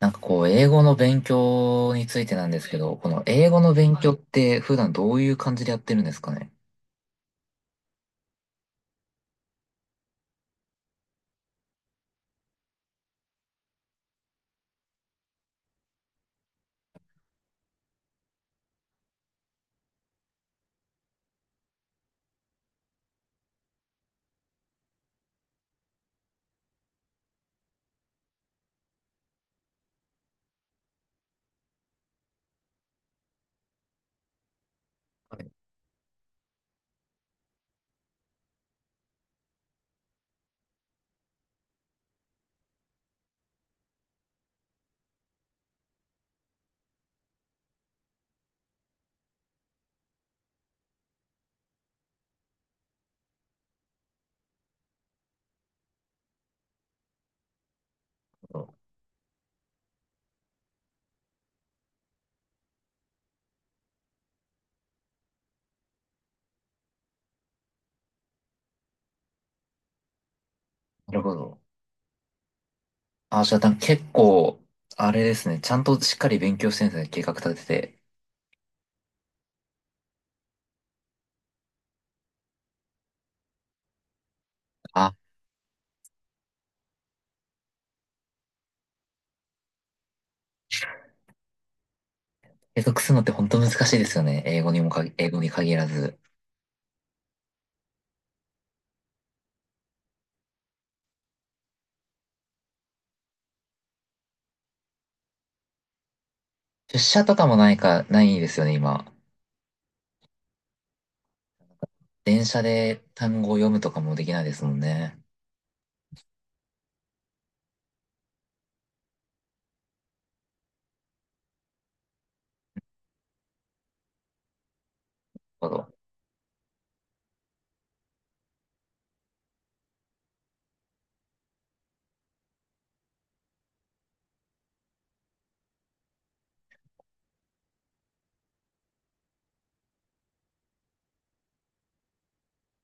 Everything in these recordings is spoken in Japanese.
なんかこう、英語の勉強についてなんですけど、この英語の勉は強いって普段どういう感じでやってるんですかね。はい。なるほど。あ、じゃあなんか結構、あれですね、ちゃんとしっかり勉強してるんですね、計画立てて。あ、継続するのって本当難しいですよね。英語に限らず。出社とかもないか、ないですよね、今。電車で単語を読むとかもできないですもんね。なるほど。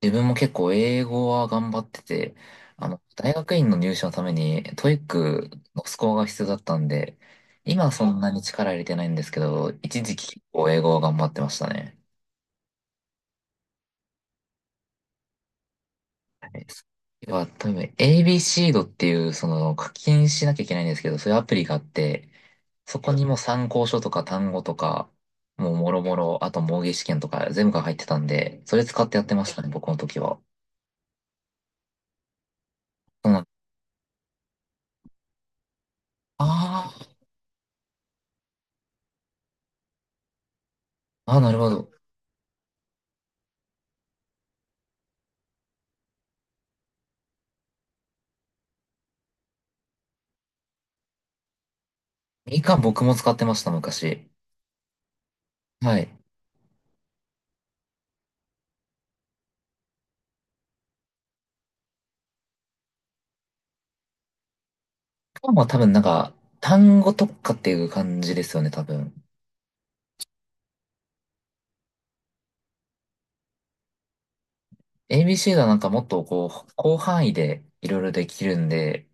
自分も結構英語は頑張ってて、大学院の入試のためにトイックのスコアが必要だったんで、今はそんなに力入れてないんですけど、一時期結構英語は頑張ってましたね。はい。要は、多分 ABC ドっていう、その課金しなきゃいけないんですけど、そういうアプリがあって、そこにもう参考書とか単語とか、もうもろもろ、あと模擬試験とか全部が入ってたんで、それ使ってやってましたね、僕の時は。そうなんああ、ああ、なるほど。みかん僕も使ってました、昔。はい。みかんは多分なんか、単語特化っていう感じですよね、多分。ABC はなんかもっとこう、広範囲でいろいろできるんで、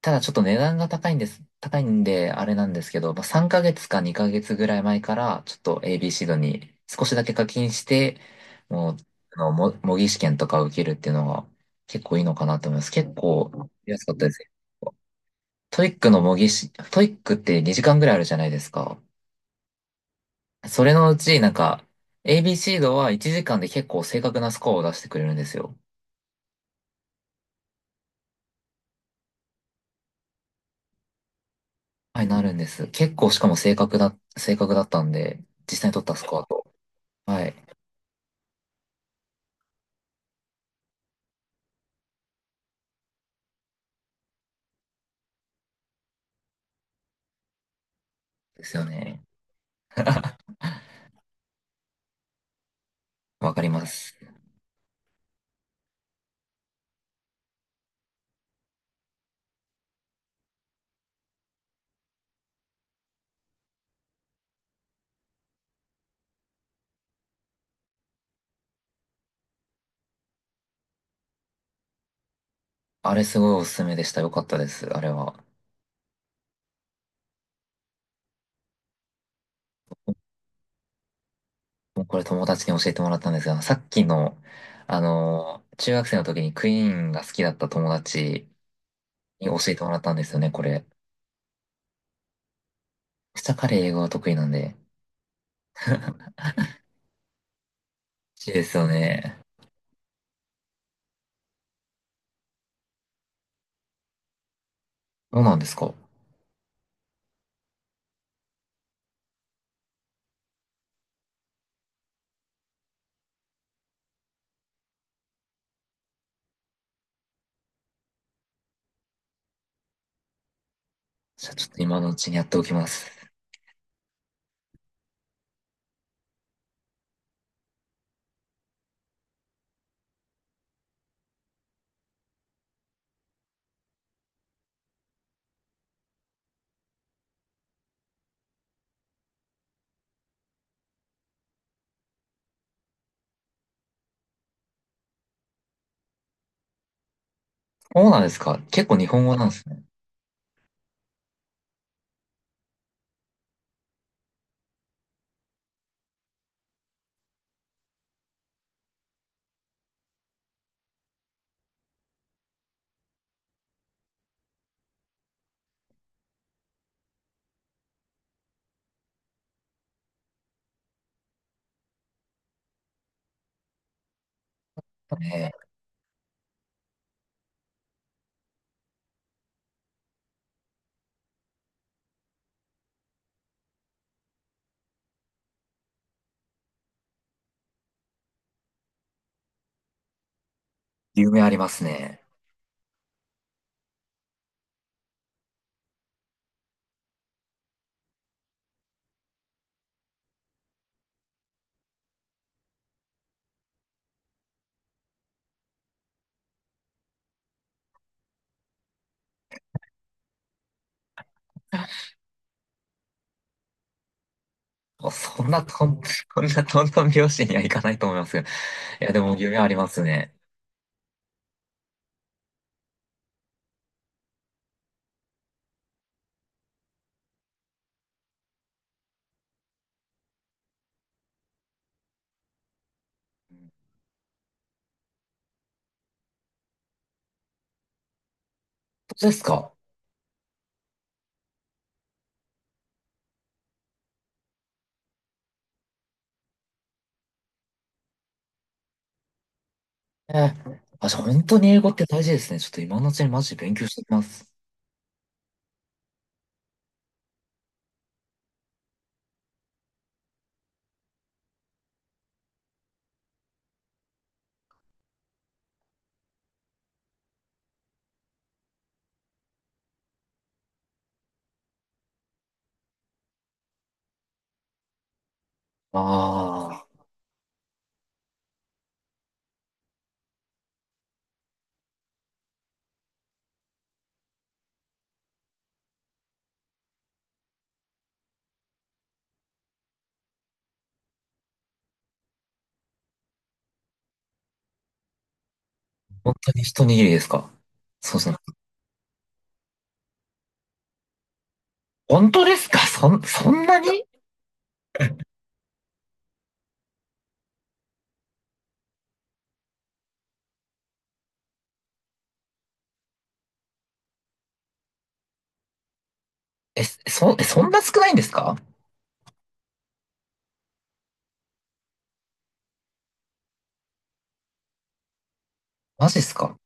ただちょっと値段が高いんです。高いんで、あれなんですけど、まあ、3ヶ月か2ヶ月ぐらい前から、ちょっと ABC 度に少しだけ課金して、もう、模擬試験とか受けるっていうのが結構いいのかなと思います。結構安かったですよ。トイックって2時間ぐらいあるじゃないですか。それのうち、なんか、ABC 度は1時間で結構正確なスコアを出してくれるんですよ。はい、なるんです。結構しかも正確だったんで、実際に取ったスコアと。はい。ですよね。わかります。あれすごいおすすめでした。よかったです。あれは。もうこれ友達に教えてもらったんですが、さっきの、中学生の時にクイーンが好きだった友達に教えてもらったんですよね、これ。下彼英語が得意なんで。いいですよね。そうなんですか。じゃあちょっと今のうちにやっておきます。そうなんですか。結構日本語なんですね。ねえ、有名ありますね。あそんなとん、そんなトントン拍子にはいかないと思いますけど。いや、でも有名ありますね。そうですか。ええ。あ、じゃあ本当に英語って大事ですね。ちょっと今のうちにマジで勉強してきます。ああ、本当に一握りですか。そうそう。本当ですか、そんなに。え、そんな少ないんですか。マジですか。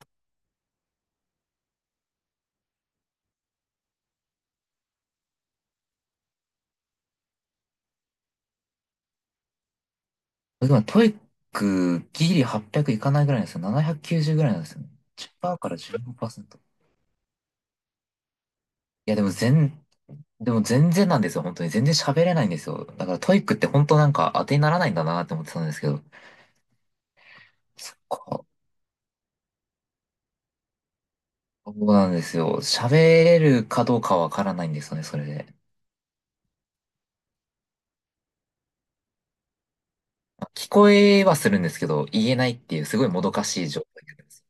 今、トイックギリ800いかないぐらいなんですよ。790ぐらいなんですよね。1から15%。いや、でも全然なんですよ、本当に。全然喋れないんですよ。だからトイックって本当なんか当てにならないんだなって思ってたんですけど。そっか。そうなんですよ。喋れるかどうかわからないんですよね、それで。まあ聞こえはするんですけど、言えないっていう、すごいもどかしい状態になります。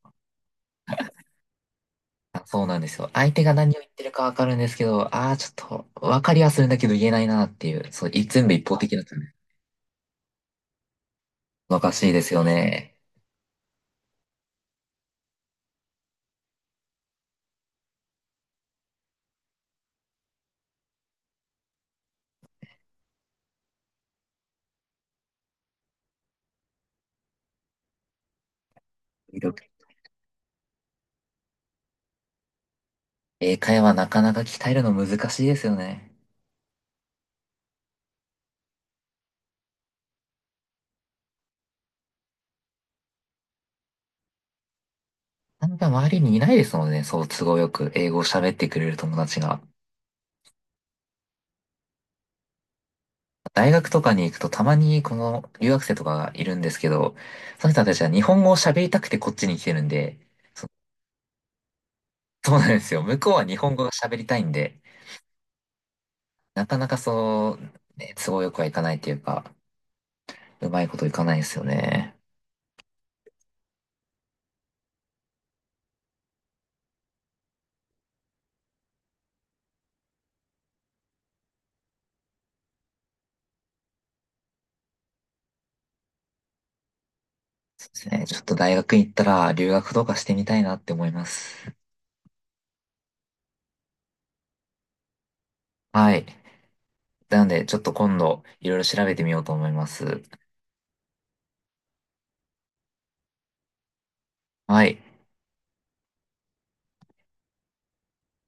あ、そうなんですよ。相手が何を言ってるかわかるんですけど、ああ、ちょっと、わかりはするんだけど言えないなっていう、そう、い全部一方的なっね。もどかしいですよね。英会話なかなか鍛えるの難しいですよね。あんか周りにいないですもんね。そう、都合よく英語を喋ってくれる友達が。大学とかに行くとたまにこの留学生とかがいるんですけど、その人たちは日本語を喋りたくてこっちに来てるんで、そそうなんですよ。向こうは日本語が喋りたいんで、なかなかそう、ね、都合よくはいかないっていうか、うまいこといかないですよね。そうですね。ちょっと大学行ったら留学とかしてみたいなって思います。はい。なので、ちょっと今度いろいろ調べてみようと思います。はい。